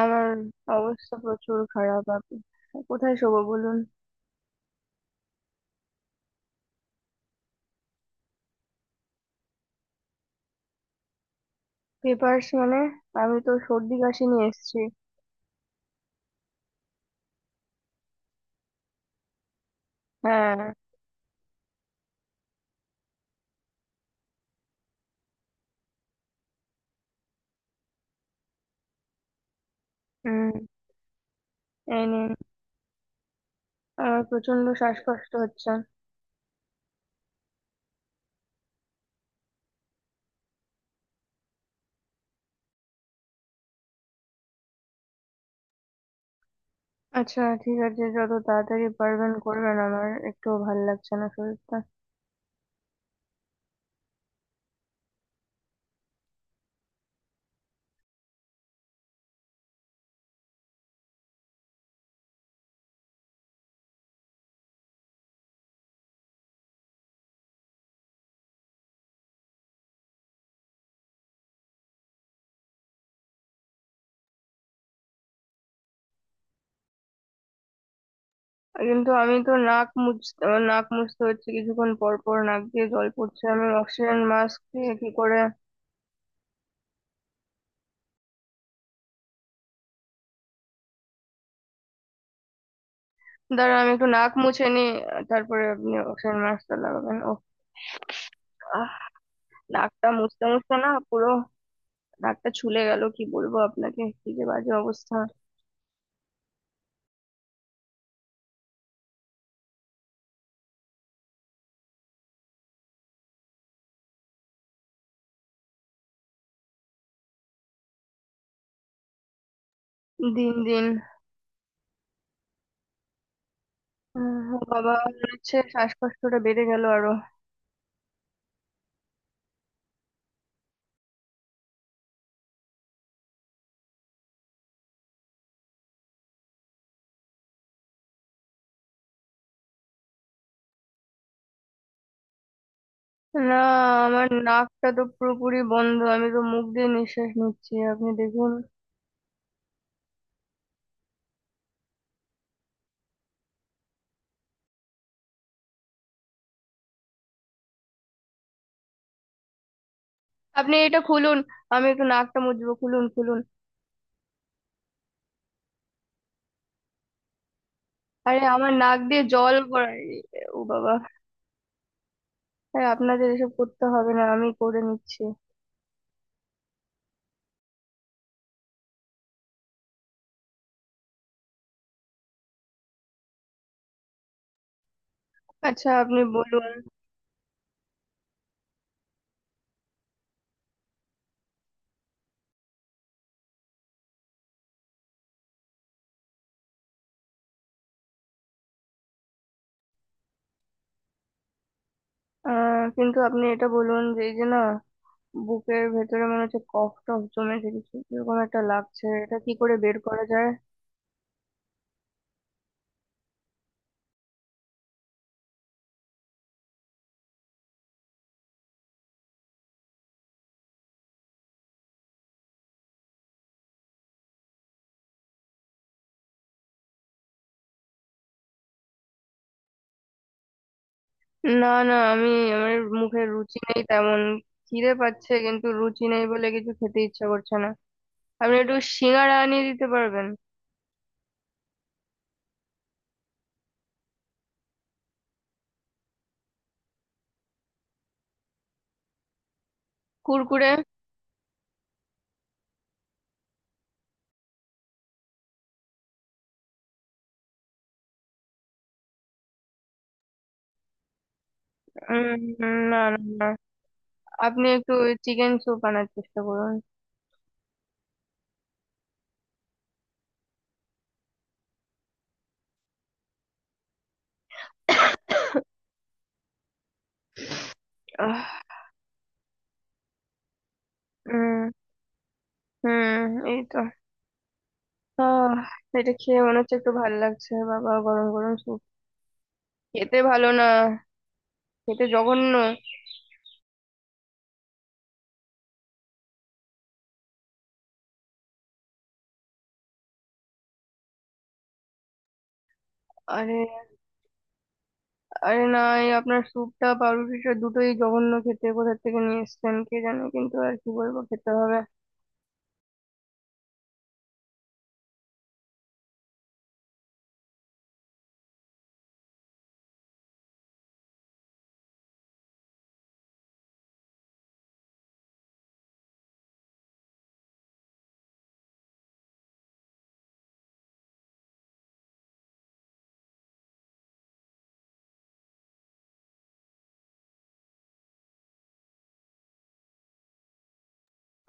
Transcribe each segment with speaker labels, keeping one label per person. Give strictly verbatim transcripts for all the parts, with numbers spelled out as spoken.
Speaker 1: আমার অবস্থা প্রচুর খারাপ। আপনি কোথায় শোবো বলুন? পেপার্স মানে? আমি তো সর্দি কাশি নিয়ে এসেছি। হ্যাঁ। হুম, এই নিন। আমার প্রচন্ড শ্বাসকষ্ট হচ্ছে। আচ্ছা, ঠিক আছে, যত তাড়াতাড়ি পারবেন করবেন, আমার একটু ভাল লাগছে না শরীরটা। কিন্তু আমি তো নাক মুছতে, আমার নাক মুছতে হচ্ছে, কিছুক্ষণ পর পর নাক দিয়ে জল পড়ছে, আমি অক্সিজেন মাস্ক দিয়ে কি করে? দাঁড়া, আমি একটু নাক মুছে নি, তারপরে আপনি অক্সিজেন মাস্কটা লাগাবেন ও। নাকটা মুছতে মুছতে না পুরো নাকটা ছুলে গেল, কি বলবো আপনাকে, কি যে বাজে অবস্থা। দিন দিন। উম, ও বাবা, মনে হচ্ছে শ্বাসকষ্টটা বেড়ে গেল আরো। না, আমার নাকটা তো পুরোপুরি বন্ধ, আমি তো মুখ দিয়ে নিঃশ্বাস নিচ্ছি, আপনি দেখুন। আপনি এটা খুলুন, আমি একটু নাকটা মুছবো, খুলুন খুলুন। আরে আমার নাক দিয়ে জল গড়ায়, ও বাবা। আরে আপনাদের এসব করতে হবে না, আমি করে নিচ্ছি। আচ্ছা, আপনি বলুন। আহ, কিন্তু আপনি এটা বলুন যে এই যে না, বুকের ভেতরে মনে হচ্ছে কফ টফ জমেছে কিছু, এরকম একটা লাগছে, এটা কি করে বের করা যায়? না না, আমি আমার মুখে রুচি নেই তেমন। খিদে পাচ্ছে, কিন্তু রুচি নেই বলে কিছু খেতে ইচ্ছা করছে না। আপনি একটু সিঙ্গাড়া আনিয়ে দিতে পারবেন? কুরকুরে? উম, না না না, আপনি একটু চিকেন স্যুপ আনার চেষ্টা করুন। আহ, উম হুম, এই তো। আহ, এটা খেয়ে মনে হচ্ছে একটু ভালো লাগছে, বাবা গরম গরম স্যুপ। খেতে ভালো না, খেতে জঘন্য। আরে আরে না, এই আপনার স্যুপটা পাউরুটিটা দুটোই জঘন্য খেতে, কোথা থেকে নিয়ে এসেছেন কে জানে, কিন্তু আর কি বলবো, খেতে হবে।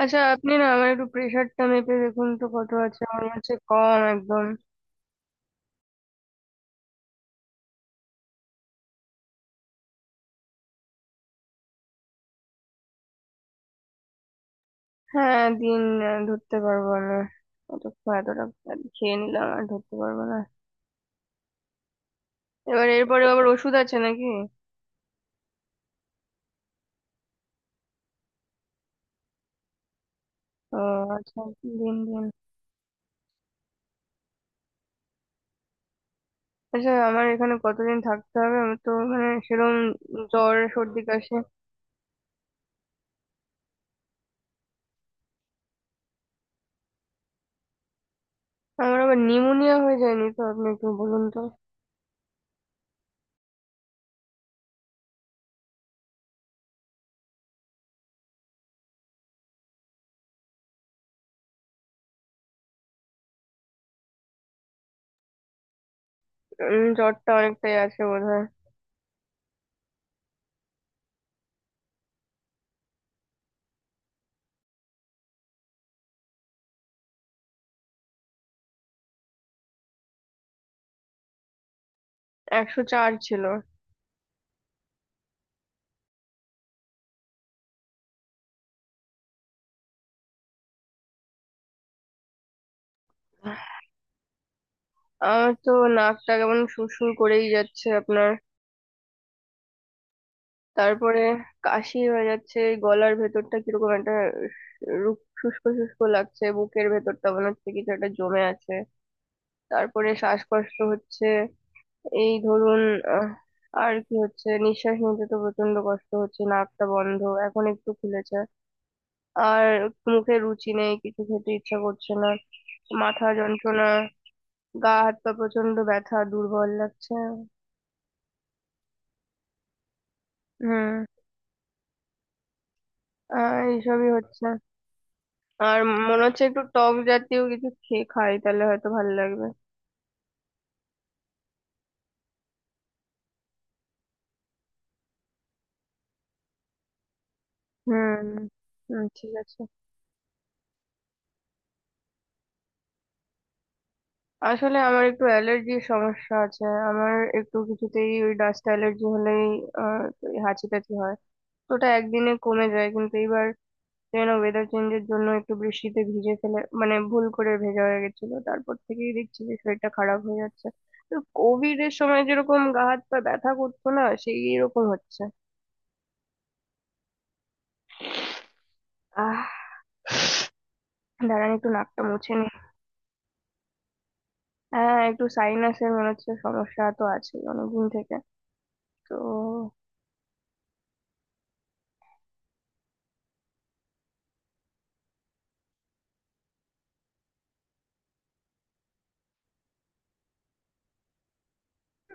Speaker 1: আচ্ছা, আপনি না আমার একটু প্রেশারটা মেপে দেখুন তো কত আছে, আমার মনে হচ্ছে কম একদম। হ্যাঁ, দিন। আহ, ধরতে পারবো না অত, এতটা খেয়ে নিলাম, আর ধরতে পারবো না। এবার এরপরে আবার ওষুধ আছে নাকি? ও, আচ্ছা, দিন দিন। আচ্ছা, আমার এখানে কতদিন থাকতে হবে? আমার তো মানে সেরকম জ্বর সর্দি কাশি। আমার আবার নিউমোনিয়া হয়ে যায়নি তো, আপনি একটু বলুন তো। উম, জ্বরটা অনেকটাই আছে বোধহয়। একশো চার ছিল। আমার তো নাকটা কেমন সুরসুর করেই যাচ্ছে আপনার। তারপরে কাশি হয়ে যাচ্ছে, গলার ভেতরটা কিরকম একটা রু- শুষ্ক শুষ্ক লাগছে, বুকের ভেতরটা মনে হচ্ছে কিছু একটা জমে আছে, তারপরে শ্বাসকষ্ট হচ্ছে, এই ধরুন। আহ, আর কি হচ্ছে, নিঃশ্বাস নিতে তো প্রচন্ড কষ্ট হচ্ছে, নাকটা বন্ধ, এখন একটু খুলেছে। আর মুখে রুচি নেই, কিছু খেতে ইচ্ছা করছে না, মাথা যন্ত্রণা, গা হাত পা প্রচন্ড ব্যথা, দুর্বল লাগছে। হুম। আহ, এইসবই হচ্ছে। আর মনে হচ্ছে একটু টক জাতীয় কিছু খেয়ে খাই, তাহলে হয়তো ভালো লাগবে। হুম। হুম, ঠিক আছে। আসলে আমার একটু অ্যালার্জির সমস্যা আছে, আমার একটু কিছুতেই ওই ডাস্ট অ্যালার্জি হলেই আহ হাঁচি টাচি হয়, তো ওটা একদিনে কমে যায়, কিন্তু এইবার যেন ওয়েদার চেঞ্জের জন্য একটু বৃষ্টিতে ভিজে ফেলে, মানে ভুল করে ভেজা হয়ে গেছিল, তারপর থেকেই দেখছি যে শরীরটা খারাপ হয়ে যাচ্ছে। তো কোভিড এর সময় যেরকম গা হাত পা ব্যথা করতো না, সেই রকম হচ্ছে। আহ দাঁড়ান, একটু নাকটা মুছে নি। হ্যাঁ, একটু সাইনাসের মনে হচ্ছে সমস্যা তো আছে অনেকদিন থেকে। তো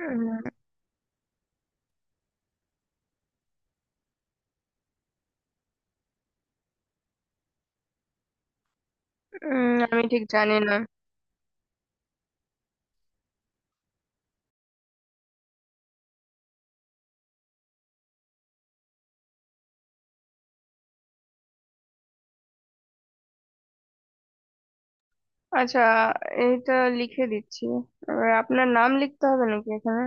Speaker 1: উম, উম, আমি ঠিক জানি না। আচ্ছা, এইটা লিখে দিচ্ছি। এবার আপনার নাম লিখতে হবে নাকি এখানে?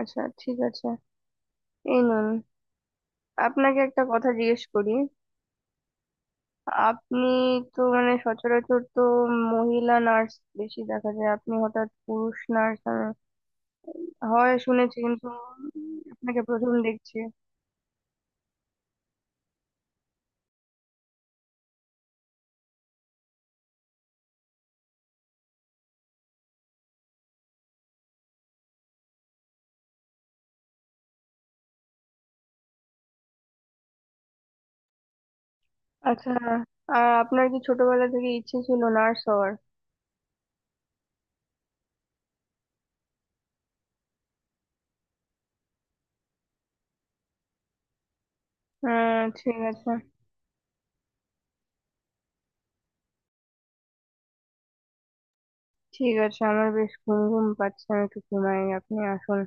Speaker 1: আচ্ছা, ঠিক আছে, এই নুন। আপনাকে একটা কথা জিজ্ঞেস করি। আপনি তো মানে সচরাচর তো মহিলা নার্স বেশি দেখা যায়, আপনি হঠাৎ পুরুষ নার্স হয় শুনেছি কিন্তু, উম, আপনাকে প্রথম দেখছি। আচ্ছা, আর আপনার কি ছোটবেলা থেকে ইচ্ছে ছিল নার্স হওয়ার? হ্যাঁ, ঠিক আছে। ঠিক আছে, আমার বেশ ঘুম ঘুম পাচ্ছে, আমি একটু ঘুমাই, আপনি আসুন।